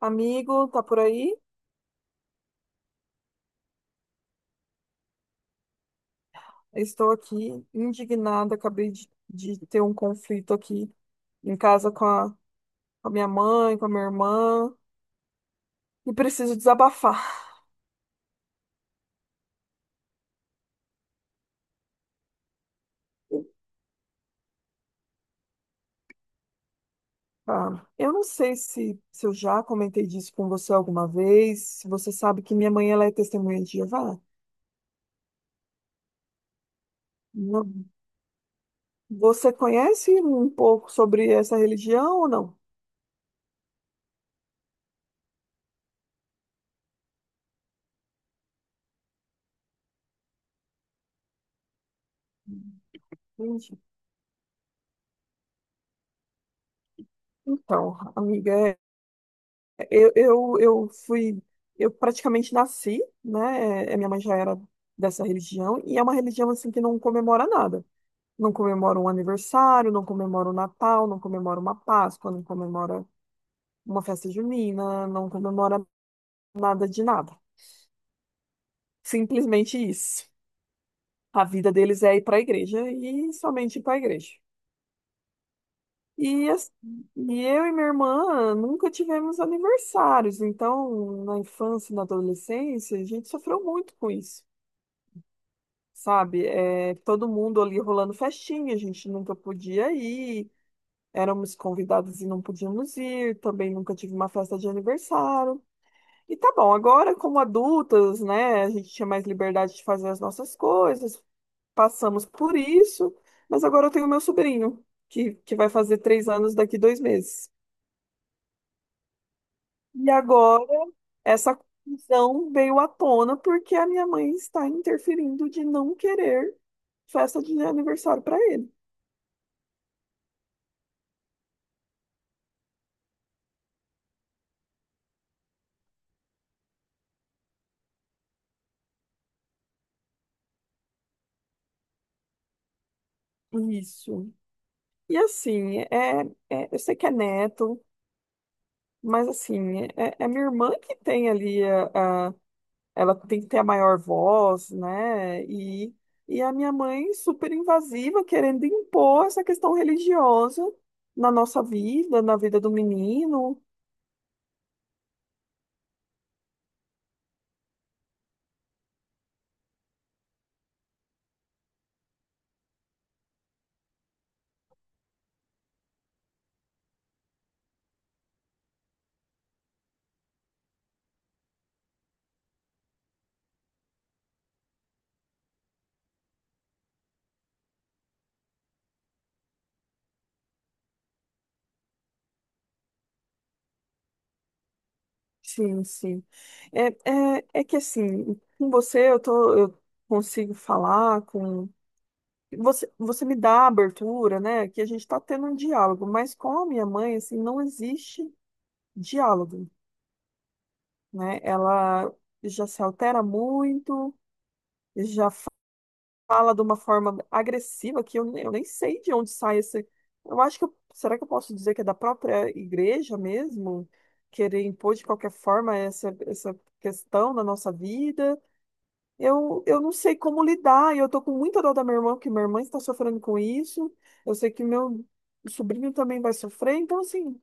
Amigo, tá por aí? Estou aqui indignada. Acabei de ter um conflito aqui em casa com com a minha mãe, com a minha irmã, e preciso desabafar. Tá? Eu não sei se eu já comentei disso com você alguma vez, se você sabe que minha mãe ela é testemunha de Jeová. Não. Você conhece um pouco sobre essa religião ou não? Entendi. Então, amiga, Eu, eu, eu fui, eu praticamente nasci, né? Minha mãe já era dessa religião, e é uma religião assim que não comemora nada. Não comemora um aniversário, não comemora um Natal, não comemora uma Páscoa, não comemora uma festa junina, não comemora nada de nada. Simplesmente isso. A vida deles é ir para a igreja e somente ir para a igreja. E, as- e eu e minha irmã nunca tivemos aniversários, então na infância e na adolescência a gente sofreu muito com isso. Sabe? É, todo mundo ali rolando festinha, a gente nunca podia ir, éramos convidados e não podíamos ir, também nunca tive uma festa de aniversário. E tá bom, agora como adultas, né, a gente tinha mais liberdade de fazer as nossas coisas, passamos por isso, mas agora eu tenho meu sobrinho, que vai fazer 3 anos daqui 2 meses. E agora essa confusão veio à tona porque a minha mãe está interferindo de não querer festa de aniversário para ele. Isso. E assim, eu sei que é neto, mas assim, é minha irmã que tem ali ela tem que ter a maior voz, né? E a minha mãe super invasiva, querendo impor essa questão religiosa na nossa vida, na vida do menino. Sim, sim. É, é que assim, com você eu consigo falar com. Você, me dá a abertura, né? Que a gente está tendo um diálogo, mas com a minha mãe, assim, não existe diálogo, né? Ela já se altera muito, já fala de uma forma agressiva que eu nem sei de onde sai esse. Eu acho que será que eu posso dizer que é da própria igreja mesmo? Querer impor de qualquer forma essa questão na nossa vida? Eu não sei como lidar, e eu tô com muita dor da minha irmã, porque minha irmã está sofrendo com isso. Eu sei que meu sobrinho também vai sofrer, então assim,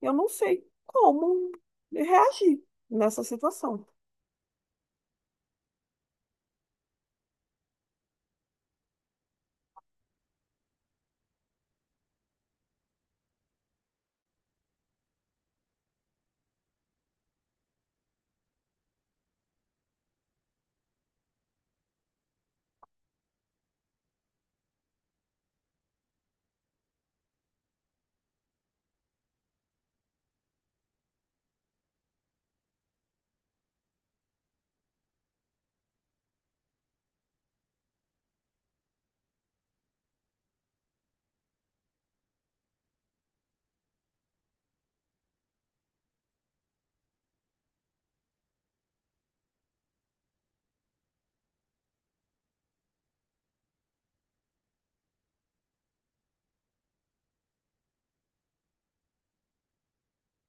eu não sei como reagir nessa situação.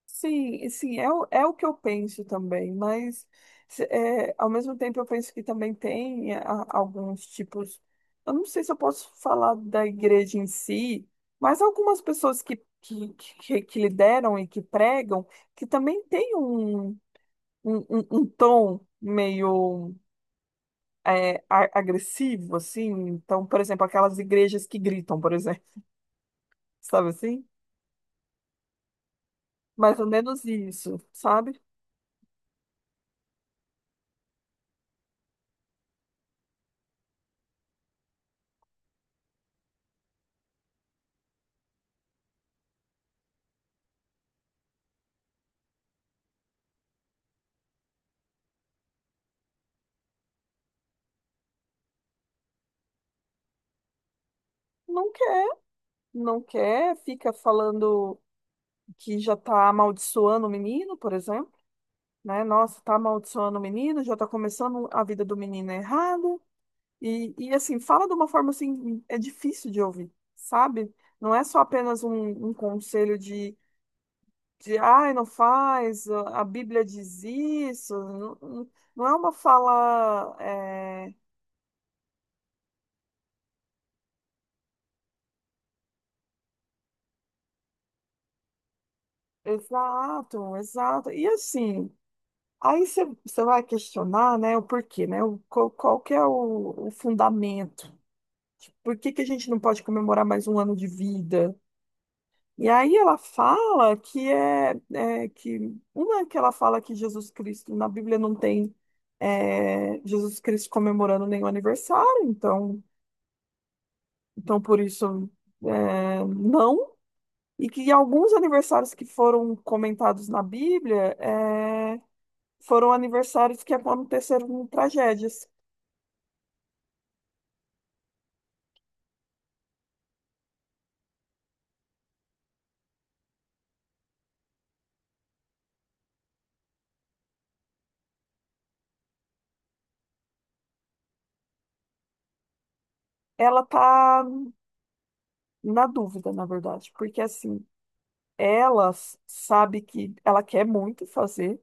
Sim, e sim, é o que eu penso também, mas ao mesmo tempo eu penso que também tem alguns tipos. Eu não sei se eu posso falar da igreja em si, mas algumas pessoas que lideram e que pregam, que também têm um tom meio agressivo, assim. Então, por exemplo, aquelas igrejas que gritam, por exemplo, sabe assim? Mais ou menos isso, sabe? Não quer, não quer, fica falando que já tá amaldiçoando o menino, por exemplo, né? Nossa, tá amaldiçoando o menino, já tá começando a vida do menino errada. E assim, fala de uma forma assim, é difícil de ouvir, sabe? Não é só apenas um conselho de ai, não faz, a Bíblia diz isso, não, não é uma fala. Exato, exato. E assim, aí você vai questionar, né, o porquê, né? Qual que é o fundamento? Por que que a gente não pode comemorar mais um ano de vida? E aí ela fala que é, é que uma é que ela fala que Jesus Cristo na Bíblia não tem Jesus Cristo comemorando nenhum aniversário, então. Por isso, não. E que alguns aniversários que foram comentados na Bíblia foram aniversários que aconteceram tragédias. Ela tá na dúvida, na verdade, porque assim, ela sabe que ela quer muito fazer,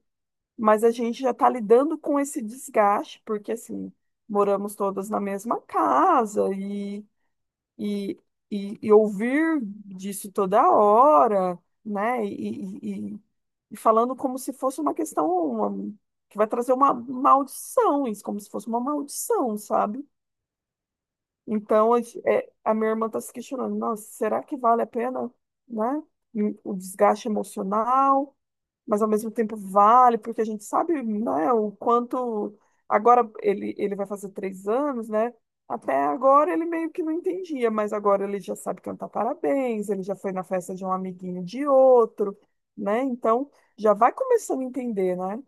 mas a gente já tá lidando com esse desgaste, porque assim, moramos todas na mesma casa e, e ouvir disso toda hora, né? E falando como se fosse uma questão que vai trazer uma maldição, isso, como se fosse uma maldição, sabe? Então, a minha irmã está se questionando, nossa, será que vale a pena, né? E o desgaste emocional, mas ao mesmo tempo vale, porque a gente sabe, né, o quanto. Agora ele vai fazer 3 anos, né? Até agora ele meio que não entendia, mas agora ele já sabe cantar parabéns, ele já foi na festa de um amiguinho de outro, né? Então já vai começando a entender, né?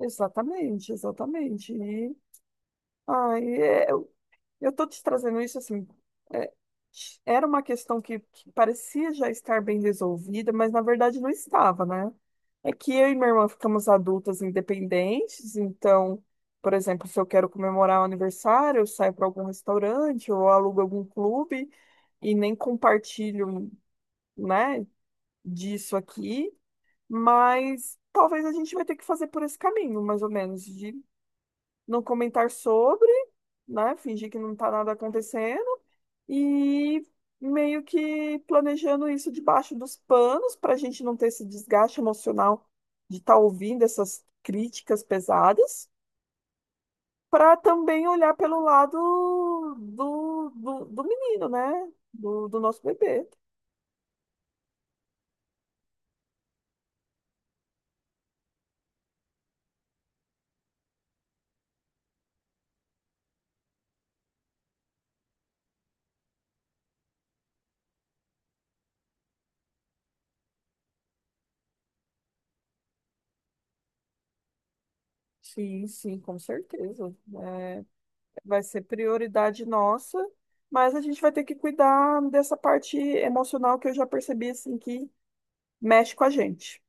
Exatamente, exatamente. Ai, é, Eu estou te trazendo isso assim. é, Era uma questão que parecia já estar bem resolvida, mas na verdade não estava, né? É que eu e minha irmã ficamos adultas independentes, então, por exemplo, se eu quero comemorar um aniversário, eu saio para algum restaurante ou alugo algum clube e nem compartilho, né, disso aqui, mas talvez a gente vai ter que fazer por esse caminho, mais ou menos, de não comentar sobre, né, fingir que não está nada acontecendo e meio que planejando isso debaixo dos panos para a gente não ter esse desgaste emocional de estar ouvindo essas críticas pesadas, para também olhar pelo lado do menino, né? Do nosso bebê. Sim, sim, com certeza. É, vai ser prioridade nossa, mas a gente vai ter que cuidar dessa parte emocional que eu já percebi assim que mexe com a gente.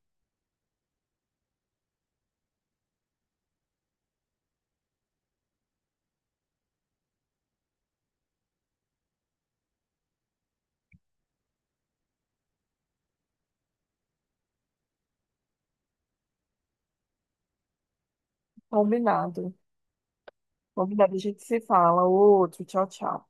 Combinado. Combinado, a gente se fala. Outro, tchau, tchau.